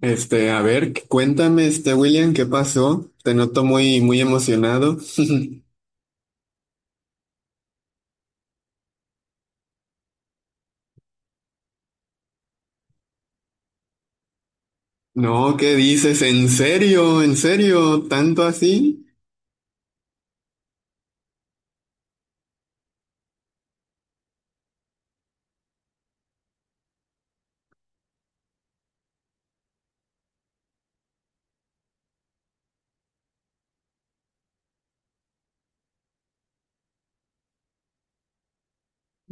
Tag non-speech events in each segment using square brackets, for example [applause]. A ver, cuéntame, William, ¿qué pasó? Te noto muy, muy emocionado. [laughs] No, ¿qué dices? ¿En serio? ¿En serio? ¿Tanto así?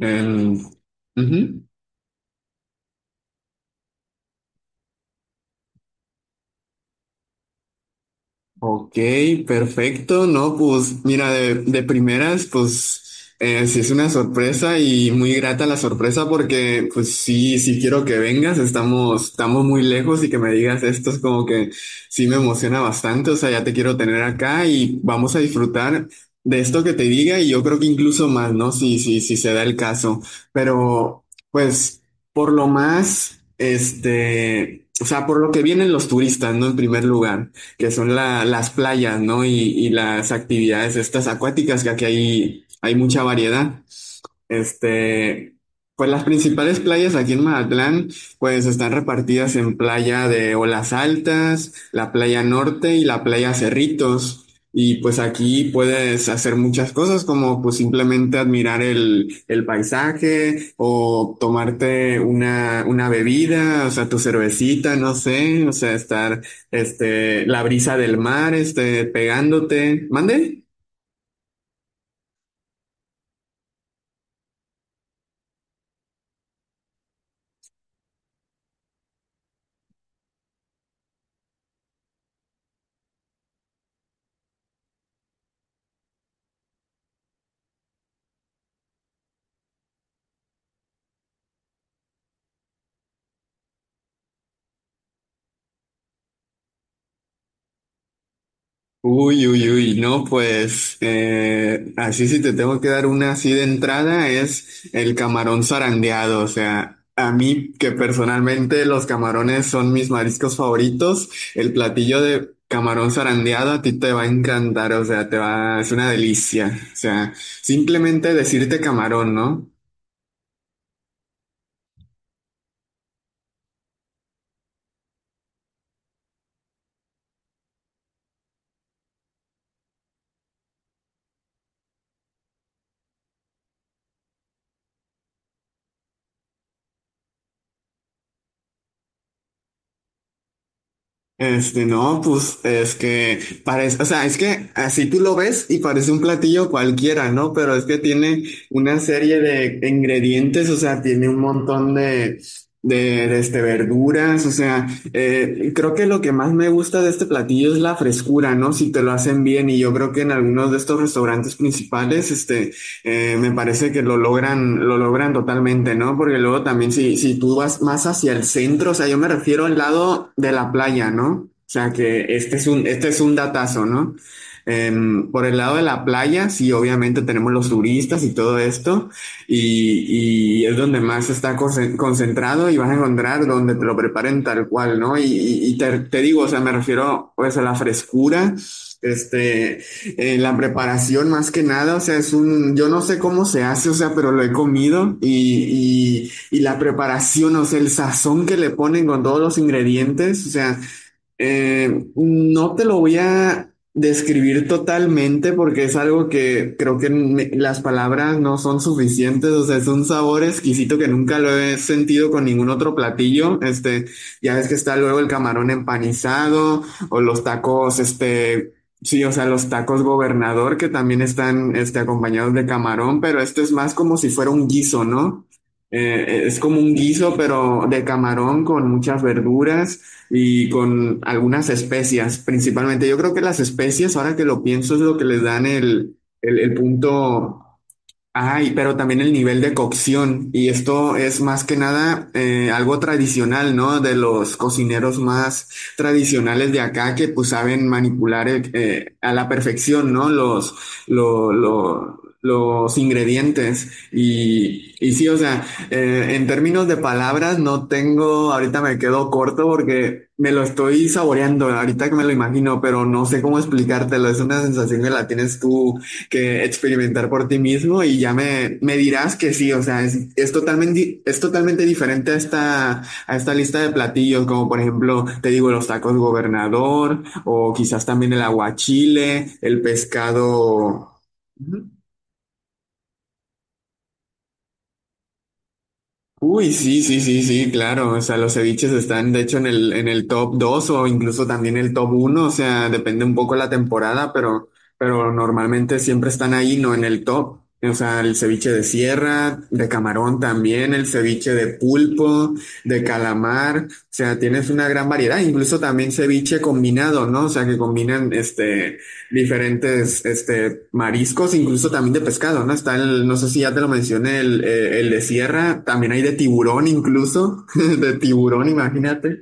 Em, Ujú. Ok, perfecto, no, pues mira, de primeras, pues sí es una sorpresa y muy grata la sorpresa porque pues sí, sí quiero que vengas, estamos muy lejos y que me digas esto es como que sí me emociona bastante, o sea, ya te quiero tener acá y vamos a disfrutar de esto que te diga y yo creo que incluso más, ¿no? Sí, sí, sí se da el caso, pero pues por lo más, o sea, por lo que vienen los turistas, ¿no? En primer lugar que son las playas, ¿no? Y las actividades estas acuáticas, que aquí hay mucha variedad. Este, pues las principales playas aquí en Mazatlán, pues están repartidas en playa de Olas Altas, la playa Norte y la playa Cerritos. Y pues aquí puedes hacer muchas cosas como pues simplemente admirar el paisaje o tomarte una bebida, o sea, tu cervecita, no sé, o sea, estar, la brisa del mar, pegándote. ¿Mande? Uy, uy, uy, no, pues así si te tengo que dar una así de entrada es el camarón zarandeado, o sea, a mí que personalmente los camarones son mis mariscos favoritos, el platillo de camarón zarandeado a ti te va a encantar, o sea, es una delicia, o sea, simplemente decirte camarón, ¿no? No, pues es que parece, o sea, es que así tú lo ves y parece un platillo cualquiera, ¿no? Pero es que tiene una serie de ingredientes, o sea, tiene un montón de, de verduras, o sea, creo que lo que más me gusta de este platillo es la frescura, ¿no? Si te lo hacen bien y yo creo que en algunos de estos restaurantes principales, me parece que lo logran totalmente, ¿no? Porque luego también si tú vas más hacia el centro, o sea, yo me refiero al lado de la playa, ¿no? O sea, que este es un datazo, ¿no? Por el lado de la playa, sí, obviamente tenemos los turistas y todo esto, y es donde más está concentrado y vas a encontrar donde te lo preparen tal cual, ¿no? Y te digo, o sea, me refiero pues a la frescura, este, la preparación más que nada, o sea, yo no sé cómo se hace, o sea, pero lo he comido y la preparación, o sea, el sazón que le ponen con todos los ingredientes, o sea, no te lo voy a describir totalmente porque es algo que creo que las palabras no son suficientes, o sea, es un sabor exquisito que nunca lo he sentido con ningún otro platillo. Ya ves que está luego el camarón empanizado o los tacos, sí, o sea, los tacos gobernador que también están, acompañados de camarón, pero este es más como si fuera un guiso, ¿no? Es como un guiso, pero de camarón con muchas verduras y con algunas especias, principalmente. Yo creo que las especias, ahora que lo pienso, es lo que les dan el punto. Ay, pero también el nivel de cocción. Y esto es más que nada algo tradicional, ¿no? De los cocineros más tradicionales de acá que pues saben manipular a la perfección, ¿no? Los ingredientes. Y sí, o sea, en términos de palabras no tengo, ahorita me quedo corto porque me lo estoy saboreando, ahorita que me lo imagino, pero no sé cómo explicártelo. Es una sensación que la tienes tú que experimentar por ti mismo y ya me dirás que sí, o sea, es totalmente diferente a esta lista de platillos, como por ejemplo, te digo, los tacos gobernador o quizás también el aguachile, el pescado. Uy, sí, sí, sí, sí, claro. O sea, los ceviches están, de hecho, en el top 2 o incluso también el top uno. O sea, depende un poco la temporada, pero normalmente siempre están ahí, no en el top. O sea, el ceviche de sierra, de camarón también, el ceviche de pulpo, de calamar. O sea, tienes una gran variedad. Incluso también ceviche combinado, ¿no? O sea, que combinan, diferentes mariscos, incluso también de pescado, ¿no? Está no sé si ya te lo mencioné, el de sierra, también hay de tiburón incluso, [laughs] de tiburón, imagínate.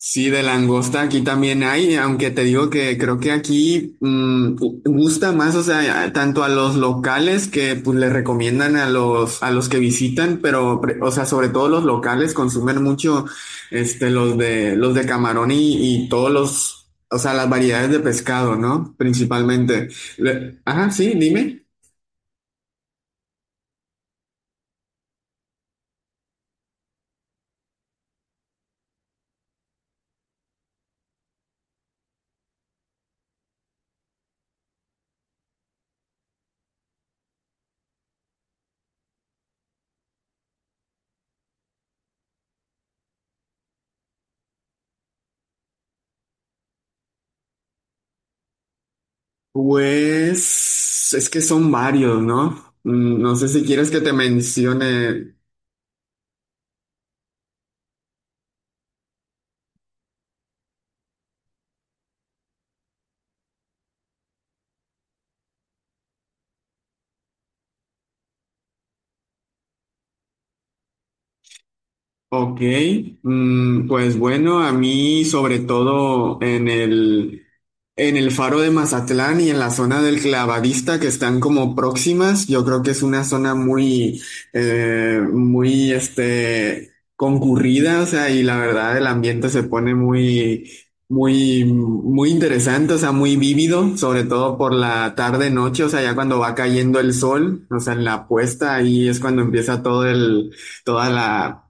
Sí, de langosta aquí también hay, aunque te digo que creo que aquí gusta más, o sea, tanto a los locales que pues les recomiendan a los que visitan, o sea, sobre todo los locales consumen mucho los de camarón y todos los, o sea, las variedades de pescado, ¿no? Principalmente. Ajá, sí, dime. Pues es que son varios, ¿no? No sé si quieres que te mencione. Ok, pues bueno, a mí sobre todo en el Faro de Mazatlán y en la zona del Clavadista que están como próximas, yo creo que es una zona muy, muy, concurrida, o sea, y la verdad el ambiente se pone muy, muy, muy interesante, o sea, muy vívido, sobre todo por la tarde-noche, o sea, ya cuando va cayendo el sol, o sea, en la puesta, ahí es cuando empieza toda la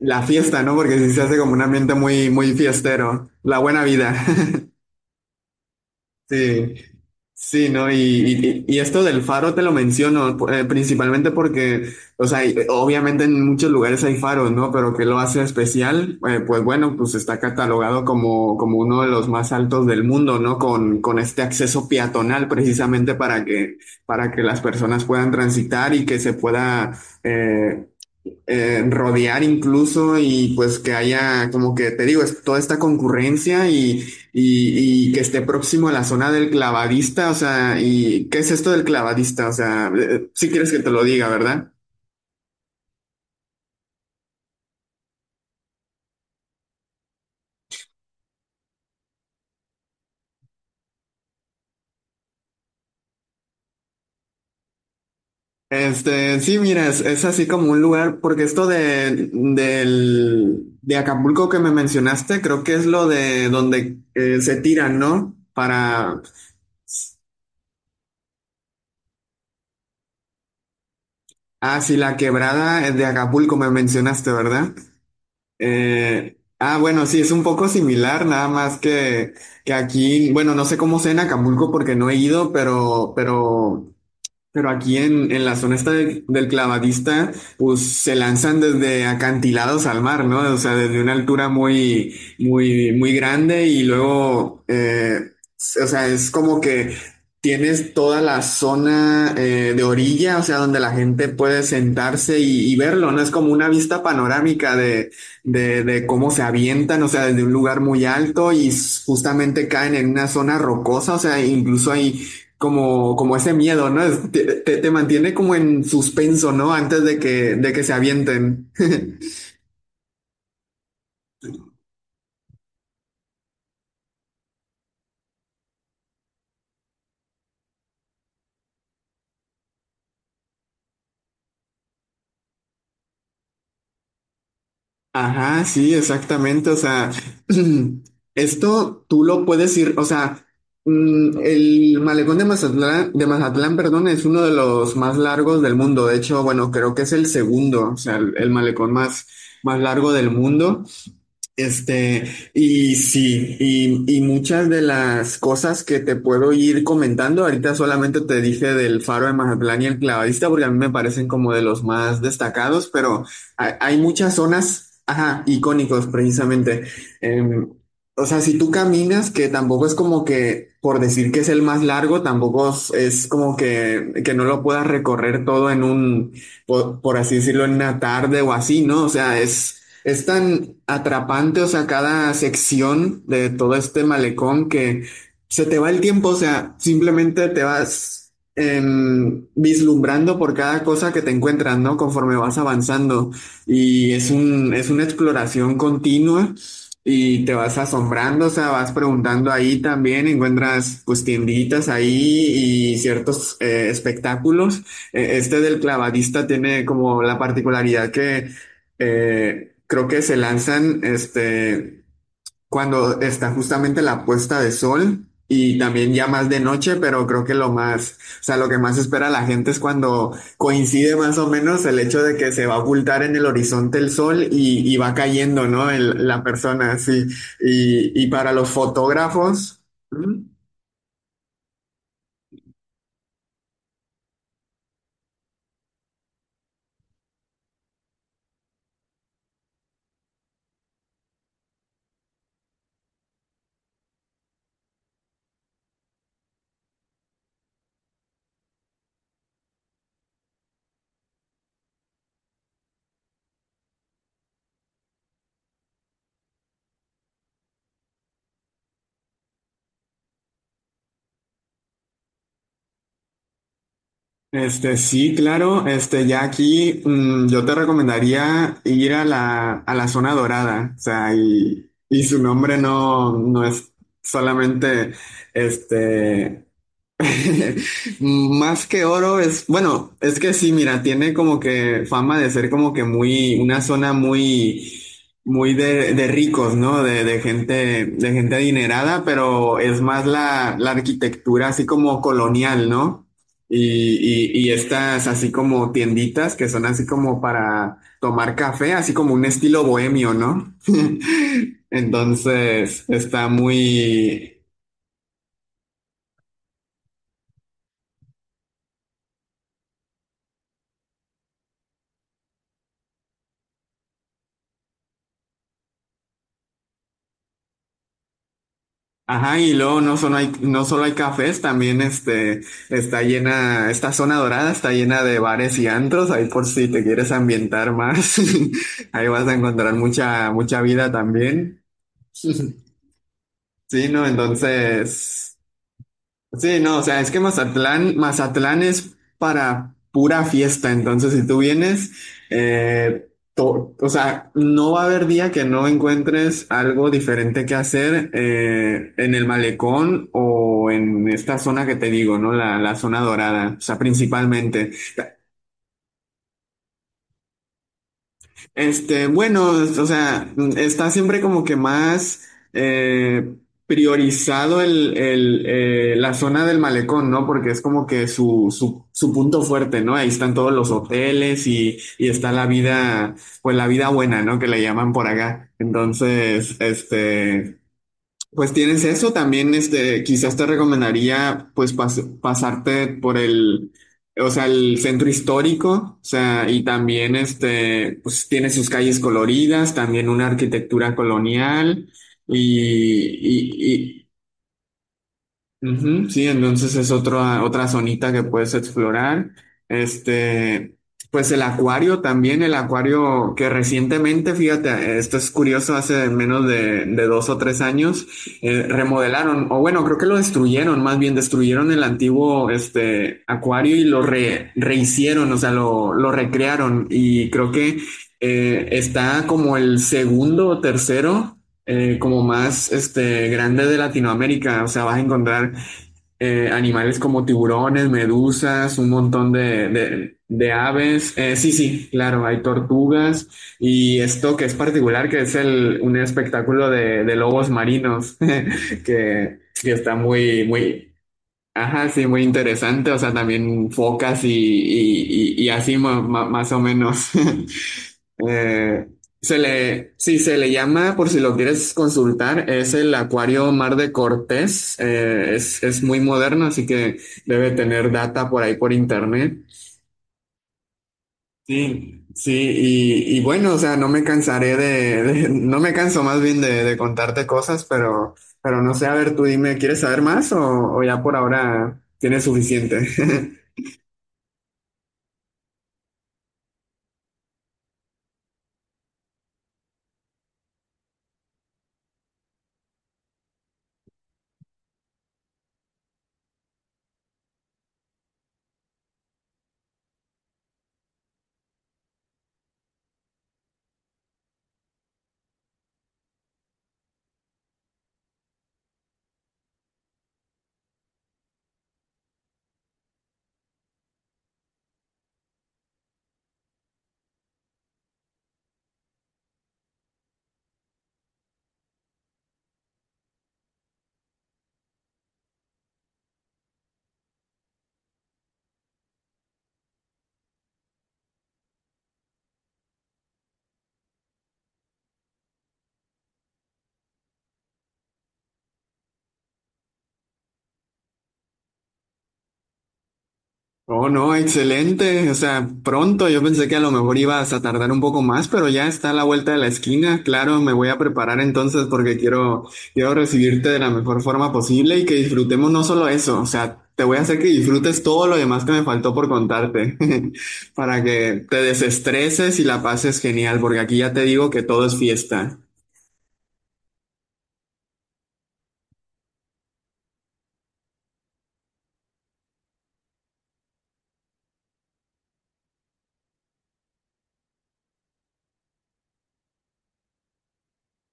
la fiesta, ¿no? Porque sí se hace como un ambiente muy, muy fiestero. La buena vida. [laughs] Sí, sí, ¿no? Y esto del faro te lo menciono, principalmente porque, o sea, obviamente en muchos lugares hay faros, ¿no? ¿Pero qué lo hace especial? Pues bueno, pues está catalogado como uno de los más altos del mundo, ¿no? Con este acceso peatonal, precisamente para que las personas puedan transitar y que se pueda rodear incluso y pues que haya, como que te digo, es toda esta concurrencia y que esté próximo a la zona del clavadista, o sea, ¿y qué es esto del clavadista? O sea, si quieres que te lo diga, ¿verdad? Sí, mira, es así como un lugar, porque esto de Acapulco que me mencionaste, creo que es lo de donde se tiran, ¿no? Ah, sí, la quebrada de Acapulco me mencionaste, ¿verdad? Ah, bueno, sí, es un poco similar, nada más que aquí, bueno, no sé cómo sea en Acapulco porque no he ido, pero aquí en la zona esta del clavadista, pues se lanzan desde acantilados al mar, ¿no? O sea, desde una altura muy, muy, muy grande y luego, o sea, es como que tienes toda la zona de orilla, o sea, donde la gente puede sentarse y verlo, ¿no? Es como una vista panorámica de cómo se avientan, o sea, desde un lugar muy alto y justamente caen en una zona rocosa, o sea, incluso hay como ese miedo, ¿no? Te mantiene como en suspenso, ¿no? Antes de que se avienten. [laughs] Ajá, sí, exactamente. O sea, [clears throat] esto tú lo puedes ir, o sea, el malecón de Mazatlán, perdón, es uno de los más largos del mundo. De hecho, bueno, creo que es el segundo, o sea, el malecón más, más largo del mundo. Este, y sí, y muchas de las cosas que te puedo ir comentando, ahorita solamente te dije del Faro de Mazatlán y el Clavadista, porque a mí me parecen como de los más destacados, pero hay muchas zonas, ajá, icónicos precisamente. Em, o sea, si tú caminas, que tampoco es como que, por decir que es el más largo, tampoco es como que no lo puedas recorrer todo en por así decirlo, en una tarde o así, ¿no? O sea, es. Es tan atrapante, o sea, cada sección de todo este malecón que se te va el tiempo, o sea, simplemente te vas vislumbrando por cada cosa que te encuentras, ¿no? Conforme vas avanzando. Y es una exploración continua y te vas asombrando, o sea, vas preguntando ahí también, encuentras pues tienditas ahí y ciertos espectáculos. Este del clavadista tiene como la particularidad que creo que se lanzan cuando está justamente la puesta de sol y también ya más de noche, pero creo que lo más, o sea, lo que más espera la gente es cuando coincide más o menos el hecho de que se va a ocultar en el horizonte el sol y va cayendo, ¿no? La persona, sí. Y para los fotógrafos. Sí, claro, ya aquí yo te recomendaría ir a la zona dorada, o sea, y su nombre no, no es solamente, este, [laughs] más que oro es, bueno, es que sí, mira, tiene como que fama de ser como que muy, una zona muy, muy de ricos, ¿no? De gente adinerada, pero es más la, la arquitectura así como colonial, ¿no? Y, y estas así como tienditas que son así como para tomar café, así como un estilo bohemio, ¿no? [laughs] Entonces está muy, ajá, y luego no solo hay, no solo hay cafés, también está llena, esta zona dorada está llena de bares y antros, ahí por si te quieres ambientar más, [laughs] ahí vas a encontrar mucha, mucha vida también. [laughs] Sí, ¿no? Entonces... Sí, no, o sea, es que Mazatlán, Mazatlán es para pura fiesta, entonces si tú vienes, o sea, no va a haber día que no encuentres algo diferente que hacer en el malecón o en esta zona que te digo, ¿no? La zona dorada, o sea, principalmente. Bueno, o sea, está siempre como que más eh, priorizado la zona del malecón, ¿no? Porque es como que su punto fuerte, ¿no? Ahí están todos los hoteles y está la vida, pues la vida buena, ¿no? Que le llaman por acá. Entonces, pues tienes eso, también quizás te recomendaría pues pasarte por el, o sea, el centro histórico, o sea, y también pues tiene sus calles coloridas, también una arquitectura colonial y, ujú, sí, entonces es otra, otra zonita que puedes explorar. Este, pues el acuario también, el acuario que recientemente, fíjate, esto es curioso, hace menos de dos o tres años, remodelaron, o bueno, creo que lo destruyeron, más bien destruyeron el antiguo, acuario y lo rehicieron, o sea, lo recrearon y creo que está como el segundo o tercero como más grande de Latinoamérica. O sea, vas a encontrar animales como tiburones, medusas, un montón de aves. Sí, sí, claro, hay tortugas y esto que es particular, que es el, un espectáculo de lobos marinos, [laughs] que está muy, muy, ajá, sí, muy interesante. O sea, también focas y, y así más o menos. [laughs] Eh, Se le, sí, se le llama, por si lo quieres consultar, es el Acuario Mar de Cortés. Es muy moderno, así que debe tener data por ahí por internet. Sí, sí, y bueno, o sea, no me cansaré de, no me canso más bien de contarte cosas, pero no sé, a ver, tú dime, ¿quieres saber más o ya por ahora tienes suficiente? [laughs] Oh, no, excelente. O sea, pronto. Yo pensé que a lo mejor ibas a tardar un poco más, pero ya está a la vuelta de la esquina. Claro, me voy a preparar entonces porque quiero, quiero recibirte de la mejor forma posible y que disfrutemos no solo eso. O sea, te voy a hacer que disfrutes todo lo demás que me faltó por contarte [laughs] para que te desestreses y la pases genial, porque aquí ya te digo que todo es fiesta.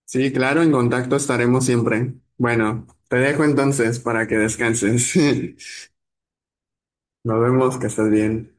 Sí, claro, en contacto estaremos siempre. Bueno, te dejo entonces para que descanses. [laughs] Nos vemos, que estés bien.